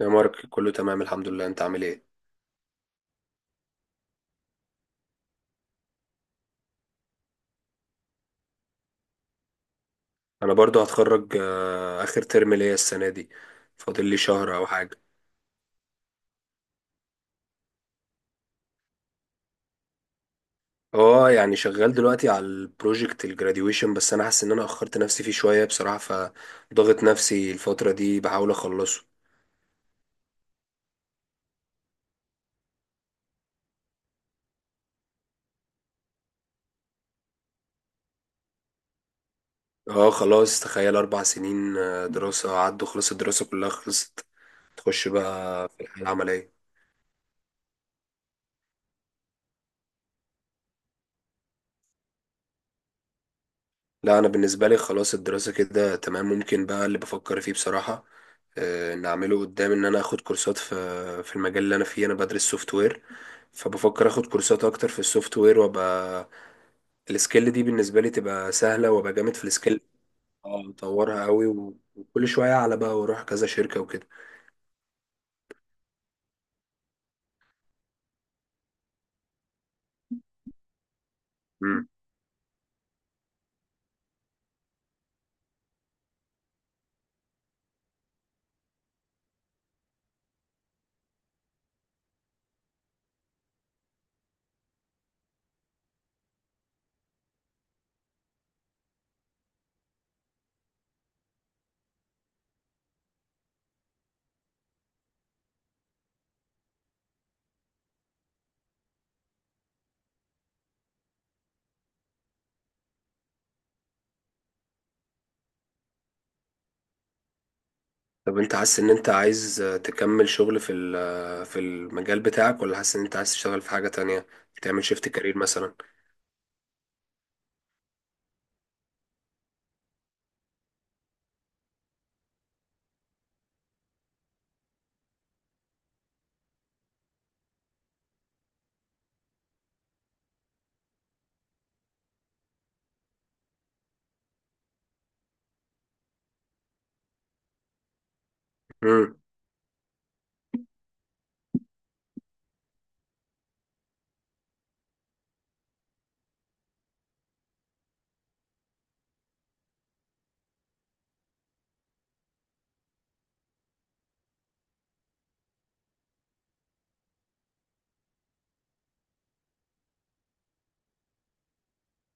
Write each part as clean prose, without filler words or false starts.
يا مارك، كله تمام الحمد لله. انت عامل ايه؟ انا برضو هتخرج اخر ترم ليا السنه دي. فاضل لي شهر او حاجه. اه، يعني شغال دلوقتي على البروجكت الجراديويشن، بس انا حاسس ان انا اخرت نفسي فيه شويه بصراحه، فضغط نفسي الفتره دي بحاول اخلصه. اه، خلاص، تخيل 4 سنين دراسه عدوا، خلاص الدراسه كلها خلصت. تخش بقى في الحياه العمليه. لا، انا بالنسبه لي خلاص الدراسه كده تمام. ممكن بقى اللي بفكر فيه بصراحه ان اعمله قدام، ان انا اخد كورسات في في المجال اللي انا فيه. انا بدرس سوفت وير، فبفكر اخد كورسات اكتر في السوفت وير، وابقى السكيل دي بالنسبه لي تبقى سهله، وابقى جامد في السكيل. اه اطورها قوي، وكل شويه اعلى بقى، واروح كذا شركه وكده. مم. طب انت حاسس ان انت عايز تكمل شغل في ال- آه، في المجال بتاعك، ولا حاسس ان انت عايز تشتغل في حاجه تانية، تعمل شيفت كارير مثلا؟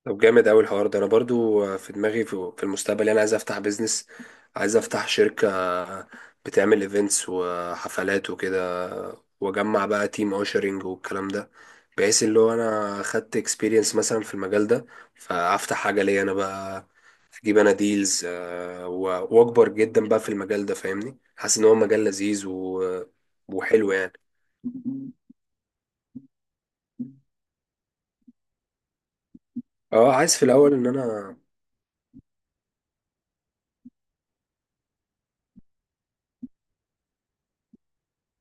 طب، جامد قوي الحوار ده. انا برضو في دماغي في المستقبل انا عايز افتح بيزنس، عايز افتح شركة بتعمل ايفنتس وحفلات وكده، واجمع بقى تيم اوشرنج والكلام ده، بحيث اللي هو انا خدت اكسبيرينس مثلا في المجال ده، فافتح حاجة ليا انا بقى، اجيب انا ديلز واكبر جدا بقى في المجال ده، فاهمني؟ حاسس ان هو مجال لذيذ وحلو يعني. اه، عايز في الاول ان انا،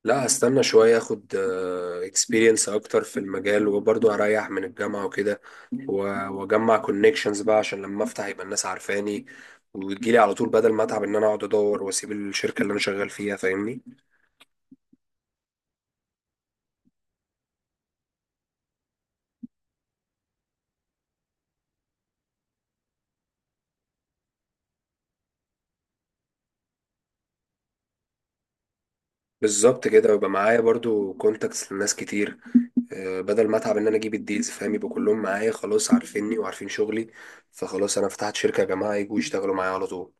لا، هستنى شوية اخد اكسبيرينس اكتر في المجال، وبرضه هريح من الجامعة وكده، واجمع كونكشنز بقى عشان لما افتح يبقى الناس عارفاني، وتجيلي على طول بدل ما اتعب ان انا اقعد ادور واسيب الشركة اللي انا شغال فيها، فاهمني؟ بالظبط كده، ويبقى معايا برضه كونتاكتس لناس كتير، بدل ما اتعب ان انا اجيب الديلز، فاهم؟ يبقى كلهم معايا خلاص، عارفيني وعارفين شغلي، فخلاص انا فتحت شركة يا جماعة يجوا يشتغلوا معايا على طول.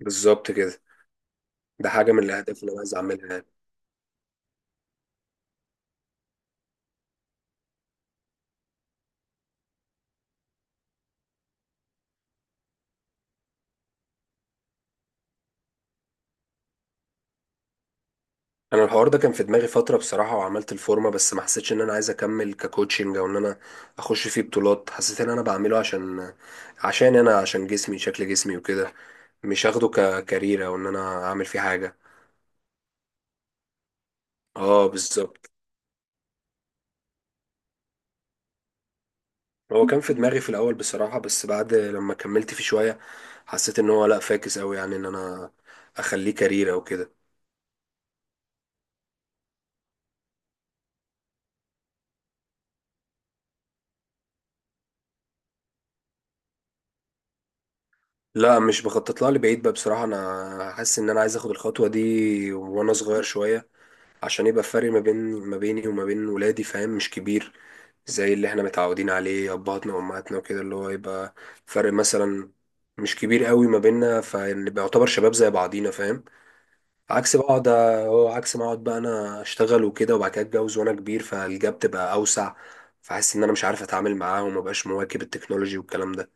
بالظبط كده، ده حاجة من الاهداف اللي انا عايز اعملها يعني. انا الحوار ده كان في دماغي فتره بصراحه، وعملت الفورمه، بس ما حسيتش ان انا عايز اكمل ككوتشنج او ان انا اخش فيه بطولات. حسيت ان انا بعمله عشان انا، عشان جسمي، شكل جسمي وكده، مش هاخده ككارير او ان انا اعمل فيه حاجه. اه بالظبط. هو كان في دماغي في الاول بصراحه، بس بعد لما كملت فيه شويه حسيت ان هو لا، فاكس قوي يعني ان انا اخليه كارير او كده. لا، مش بخطط لها لبعيد بقى بصراحه. انا حاسس ان انا عايز اخد الخطوه دي وانا صغير شويه، عشان يبقى الفرق ما بيني وما بين ولادي، فاهم؟ مش كبير، زي اللي احنا متعودين عليه ابهاتنا وامهاتنا وكده، اللي هو يبقى فرق مثلا مش كبير قوي ما بيننا، فنبقى يعتبر شباب زي بعضينا، فاهم؟ عكس بقعد، هو عكس ما اقعد بقى انا اشتغل وكده، وبعد كده اتجوز وانا كبير، فالجاب تبقى اوسع، فحاسس ان انا مش عارف اتعامل معاه، ومبقاش مواكب التكنولوجي والكلام ده.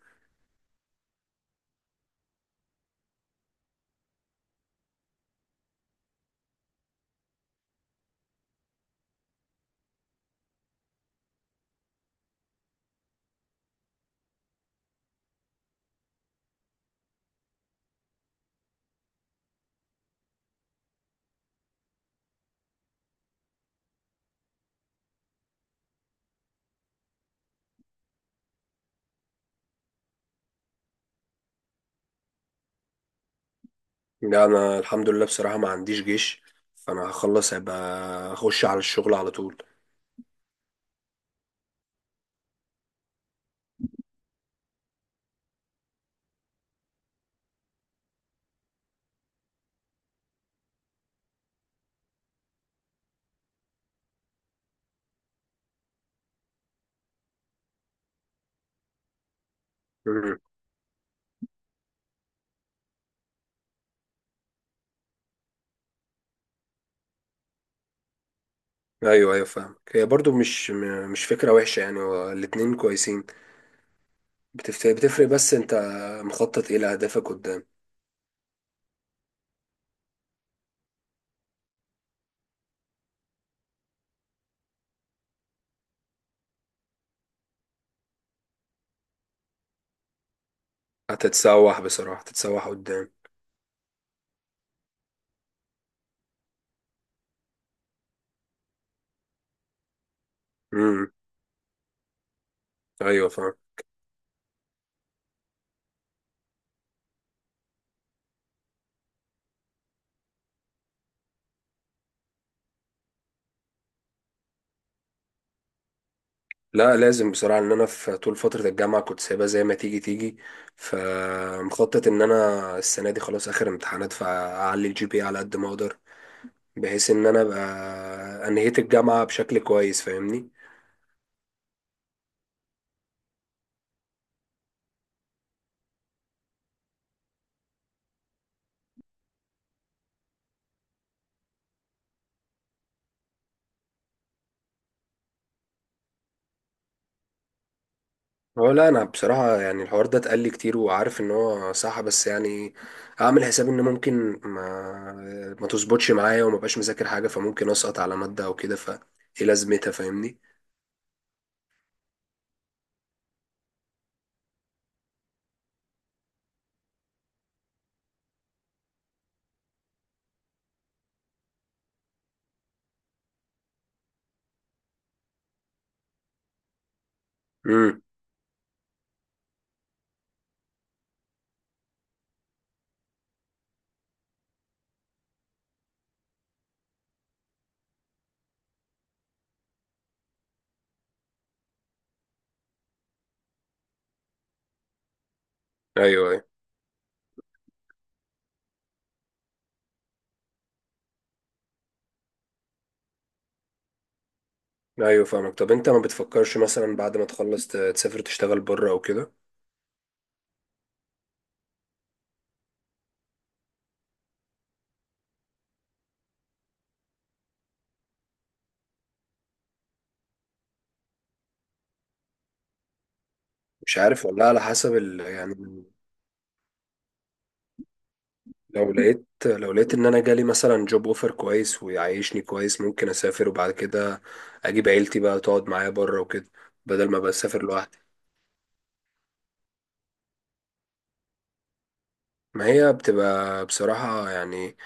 لا، انا الحمد لله بصراحة ما عنديش جيش، فانا هخلص هيبقى اخش على الشغل على طول. ايوه ايوه فاهم. هي برضو مش فكره وحشه يعني، هو الاتنين كويسين، بتفرق. بس انت مخطط ايه لاهدافك قدام؟ هتتسوح بصراحه، هتتسوح قدام. امم ايوه فاهم. لا، لازم بصراحه ان انا في طول فتره الجامعه كنت سايبها زي ما تيجي تيجي، فمخطط ان انا السنه دي خلاص اخر امتحانات فاعلي الجي بي على قد ما اقدر، بحيث ان انا ابقى انهيت الجامعه بشكل كويس، فاهمني؟ هو لا، انا بصراحه يعني الحوار ده اتقال لي كتير، وعارف ان هو صح، بس يعني اعمل حساب ان ممكن ما تظبطش معايا، وما بقاش مذاكر حاجه، فممكن اسقط على ماده او كده، فايه لازمتها فاهمني؟ امم ايوه ايوه ايوه فاهمك. طب انت ما بتفكرش مثلا بعد ما تخلص تسافر، تشتغل بره او كده؟ مش عارف والله، على حسب يعني، لو لقيت ان انا جالي مثلا جوب اوفر كويس ويعيشني كويس، ممكن اسافر وبعد كده اجيب عيلتي بقى تقعد معايا بره وكده، بدل ما بسافر لوحدي، ما هي بتبقى بصراحة يعني.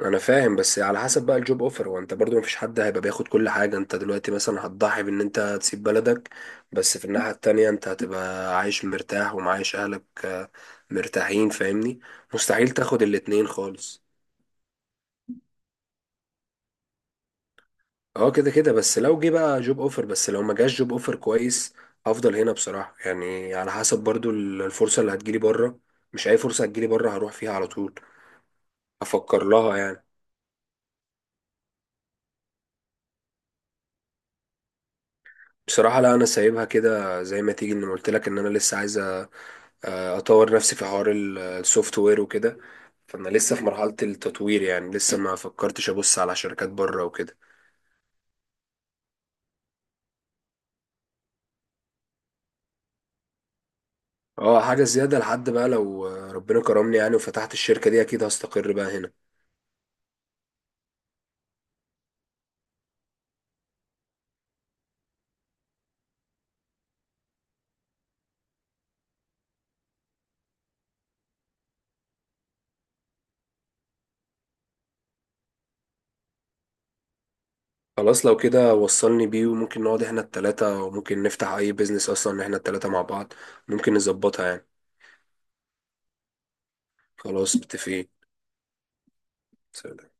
أنا فاهم، بس على حسب بقى الجوب أوفر. وأنت برضو مفيش حد هيبقى بياخد كل حاجة. أنت دلوقتي مثلا هتضحي بإن أنت تسيب بلدك، بس في الناحية التانية أنت هتبقى عايش مرتاح ومعايش أهلك مرتاحين فاهمني. مستحيل تاخد الاتنين خالص. اه كده كده، بس لو جه بقى جوب أوفر، بس لو ما جاش جوب أوفر كويس، هفضل هنا بصراحة يعني، على حسب برضو الفرصة اللي هتجيلي بره، مش أي فرصة هتجيلي بره هروح فيها على طول، أفكر لها يعني. بصراحة لا، أنا سايبها كده زي ما تيجي، إن قلت لك إن أنا لسه عايز أطور نفسي في حوار السوفت وير وكده، فأنا لسه في مرحلة التطوير يعني، لسه ما فكرتش أبص على شركات بره وكده. أه حاجة زيادة لحد بقى لو ربنا كرمني يعني وفتحت الشركة دي، أكيد هستقر بقى هنا. خلاص، لو كده وصلني بيه، وممكن نقعد إحنا التلاتة، وممكن نفتح أي بيزنس أصلا إحنا التلاتة مع بعض، ممكن نظبطها يعني. خلاص متفقين. سلام.